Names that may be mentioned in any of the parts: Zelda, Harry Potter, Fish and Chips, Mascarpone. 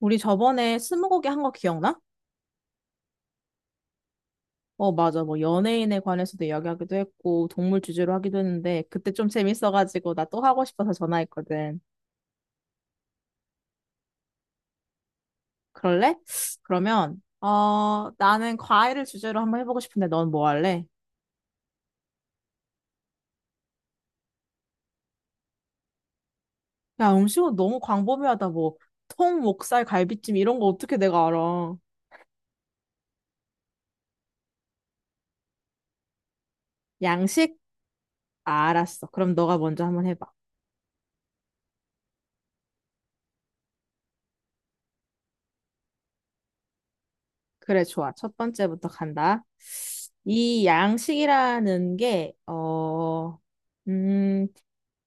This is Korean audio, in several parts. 우리 저번에 스무고개 한 거 기억나? 어, 맞아. 뭐 연예인에 관해서도 이야기하기도 했고 동물 주제로 하기도 했는데 그때 좀 재밌어가지고 나 또 하고 싶어서 전화했거든. 그럴래? 그러면 나는 과일을 주제로 한번 해보고 싶은데 넌 뭐 할래? 야 음식은 너무 광범위하다. 뭐 통, 목살, 갈비찜 이런 거 어떻게 내가 알아? 양식? 아, 알았어. 그럼 너가 먼저 한번 해봐. 그래, 좋아. 첫 번째부터 간다. 이 양식이라는 게, 음,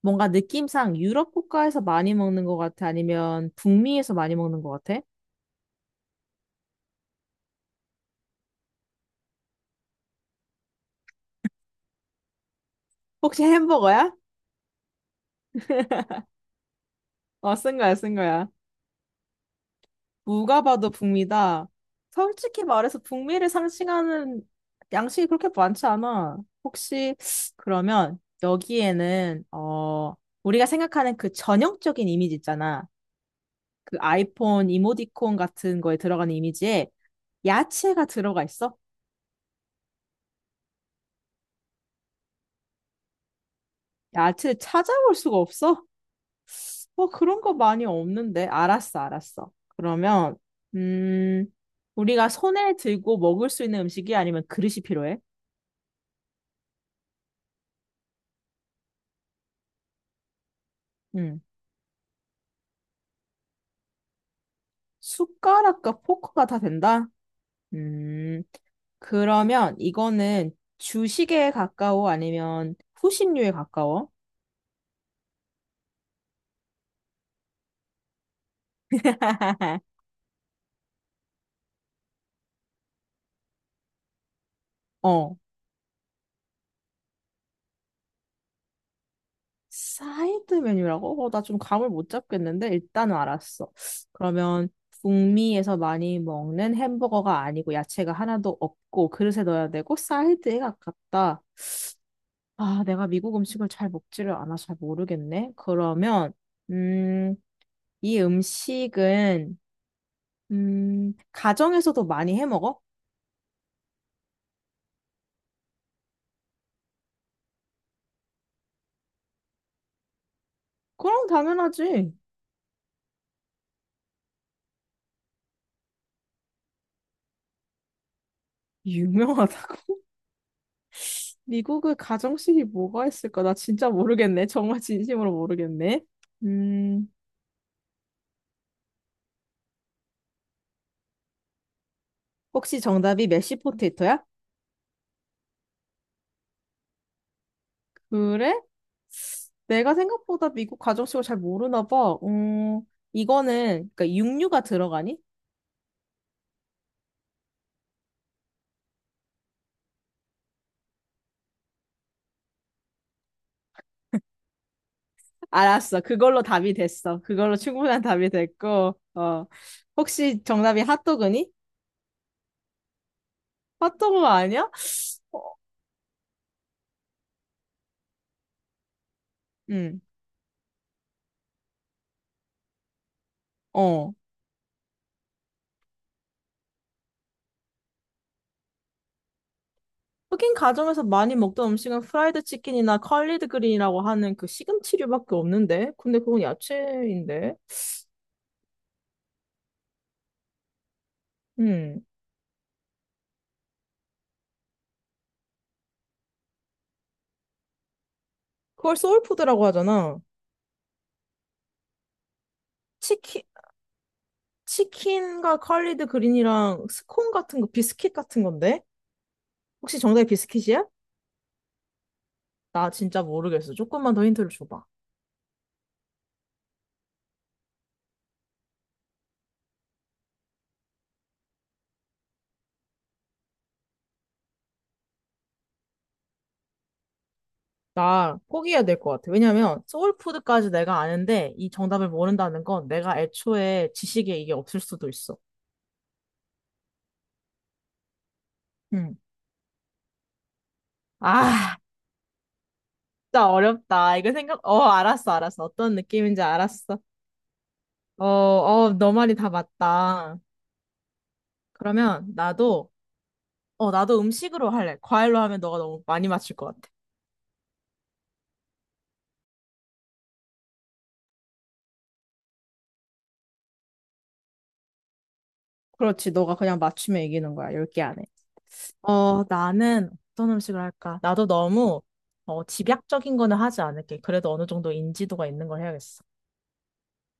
뭔가 느낌상 유럽 국가에서 많이 먹는 것 같아? 아니면 북미에서 많이 먹는 것 같아? 혹시 햄버거야? 어, 쓴 거야, 쓴 거야. 누가 봐도 북미다. 솔직히 말해서 북미를 상징하는 양식이 그렇게 많지 않아. 혹시, 그러면 여기에는, 어, 우리가 생각하는 그 전형적인 이미지 있잖아. 그 아이폰 이모티콘 같은 거에 들어가는 이미지에 야채가 들어가 있어? 야채 찾아볼 수가 없어? 뭐 그런 거 많이 없는데. 알았어, 알았어. 그러면, 음, 우리가 손에 들고 먹을 수 있는 음식이 아니면 그릇이 필요해? 음, 숟가락과 포크가 다 된다? 음, 그러면 이거는 주식에 가까워 아니면 후식류에 가까워? 어. 사이드 메뉴라고? 어, 나 좀 감을 못 잡겠는데 일단은 알았어. 그러면 북미에서 많이 먹는 햄버거가 아니고 야채가 하나도 없고 그릇에 넣어야 되고 사이드에 가깝다. 아, 내가 미국 음식을 잘 먹지를 않아 잘 모르겠네. 그러면 음, 이 음식은 가정에서도 많이 해 먹어? 그럼 당연하지. 유명하다고? 미국의 가정식이 뭐가 있을까? 나 진짜 모르겠네. 정말 진심으로 모르겠네. 음, 혹시 정답이 메쉬 포테이토야? 그래? 내가 생각보다 미국 가정식을 잘 모르나 봐. 이거는 그러니까 육류가 들어가니? 알았어. 그걸로 답이 됐어. 그걸로 충분한 답이 됐고. 어. 혹시 정답이 핫도그니? 핫도그 아니야? 응. 어. 흑인 가정에서 많이 먹던 음식은 프라이드 치킨이나 컬리드 그린이라고 하는 그 시금치류밖에 없는데? 근데 그건 야채인데? 음. 그걸 소울푸드라고 하잖아. 치킨 치킨과 컬리드 그린이랑 스콘 같은 거, 비스킷 같은 건데? 혹시 정답이 비스킷이야? 나 진짜 모르겠어. 조금만 더 힌트를 줘봐. 나 포기해야 될 것 같아. 왜냐면 소울푸드까지 내가 아는데 이 정답을 모른다는 건 내가 애초에 지식에 이게 없을 수도 있어. 음. 아, 진짜 어렵다. 알았어, 알았어. 어떤 느낌인지 알았어. 어, 어, 너 말이 다 맞다. 그러면 나도, 나도 음식으로 할래. 과일로 하면 너가 너무 많이 맞출 것 같아. 그렇지. 너가 그냥 맞추면 이기는 거야. 10개 안에. 어, 나는 어떤 음식을 할까? 집약적인 거는 하지 않을게. 그래도 어느 정도 인지도가 있는 걸 해야겠어.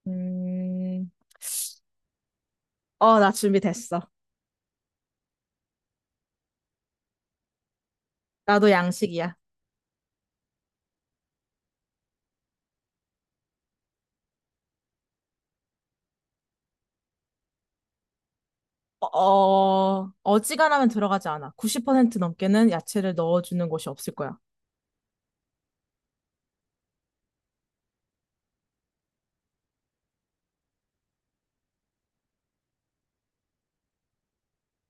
음, 어, 나 준비됐어. 나도 양식이야. 어, 어, 어지간하면 들어가지 않아. 90% 넘게는 야채를 넣어주는 곳이 없을 거야.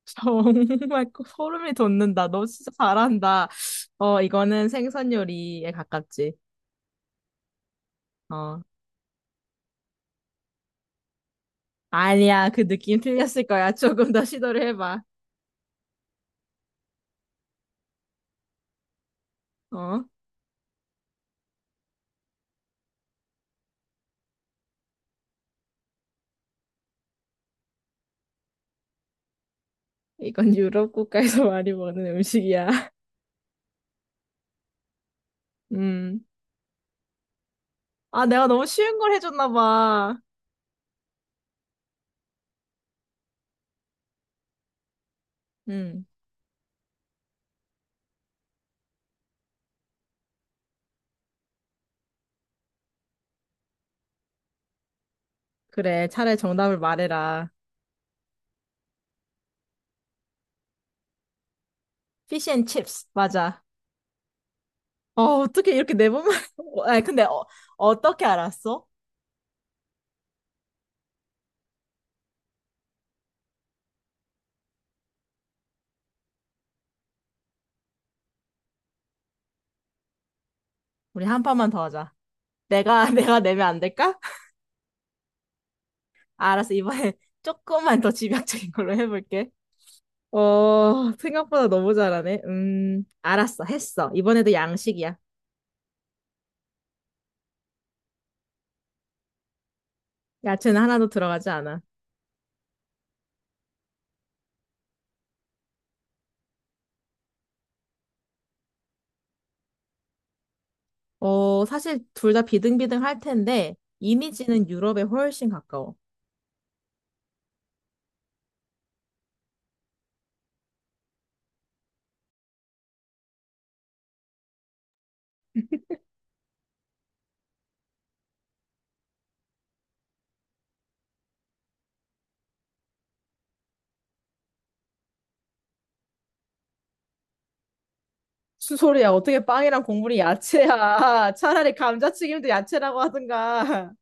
정말 소름이 돋는다. 너 진짜 잘한다. 어, 이거는 생선 요리에 가깝지. 어, 아니야. 그 느낌 틀렸을 거야. 조금 더 시도를 해봐. 어? 이건 유럽 국가에서 많이 먹는 음식이야. 음. 아, 내가 너무 쉬운 걸 해줬나 봐. 음. 그래, 차라리 정답을 말해라. 피쉬 앤 칩스. 맞아. 어, 어떻게 이렇게 내몸면 아니, 근데 어, 어떻게 알았어? 우리 한 판만 더 하자. 내가 내가 내면 안 될까? 아, 알았어. 이번에 조금만 더 집약적인 걸로 해볼게. 어, 생각보다 너무 잘하네. 알았어. 했어. 이번에도 양식이야. 야채는 하나도 들어가지 않아. 어, 사실 둘 다 비등비등 할 텐데, 이미지는 유럽에 훨씬 가까워. 무슨 소리야? 어떻게 빵이랑 국물이 야채야? 차라리 감자튀김도 야채라고 하든가.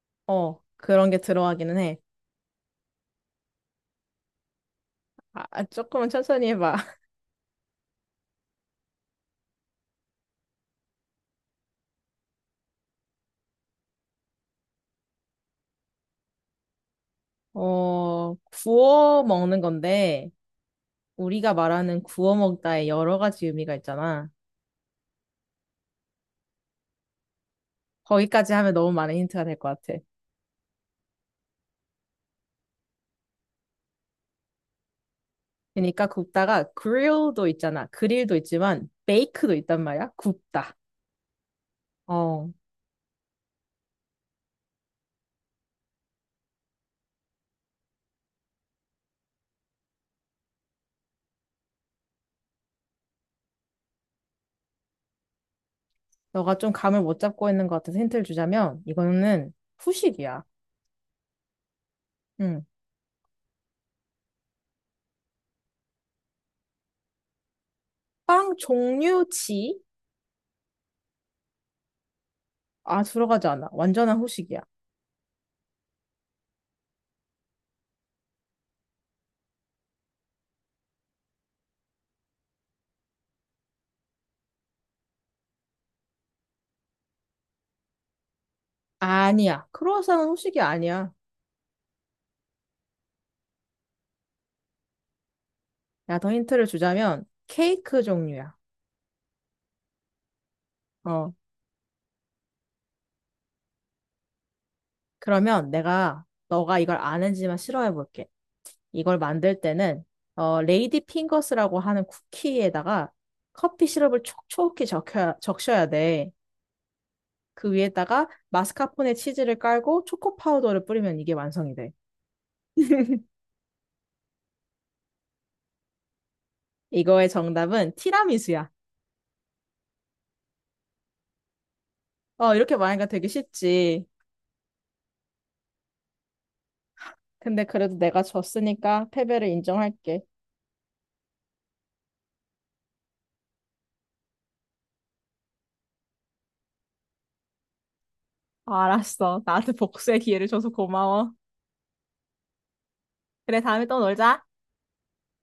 어, 그런 게 들어가기는 해. 아, 아, 조금은 천천히 해봐. 어, 구워 먹는 건데, 우리가 말하는 구워 먹다의 여러 가지 의미가 있잖아. 거기까지 하면 너무 많은 힌트가 될 것 같아. 그러니까 굽다가 grill도 있잖아. 그릴도 있지만, bake도 있단 말이야. 굽다. 어, 너가 좀 감을 못 잡고 있는 것 같아서 힌트를 주자면 이거는 후식이야. 응. 빵 종류치? 아, 들어가지 않아. 완전한 후식이야. 아니야. 크루아상은 후식이 아니야. 야, 더 힌트를 주자면 케이크 종류야. 어. 그러면 내가 너가 이걸 아는지만 싫어해 볼게. 이걸 만들 때는 레이디 핑거스라고 하는 쿠키에다가 커피 시럽을 촉촉히 적셔야 돼. 그 위에다가 마스카포네 치즈를 깔고 초코 파우더를 뿌리면 이게 완성이 돼. 이거의 정답은 티라미수야. 어, 이렇게 말하니까 되게 쉽지. 근데 그래도 내가 졌으니까 패배를 인정할게. 알았어. 나한테 복수의 기회를 줘서 고마워. 그래, 다음에 또 놀자.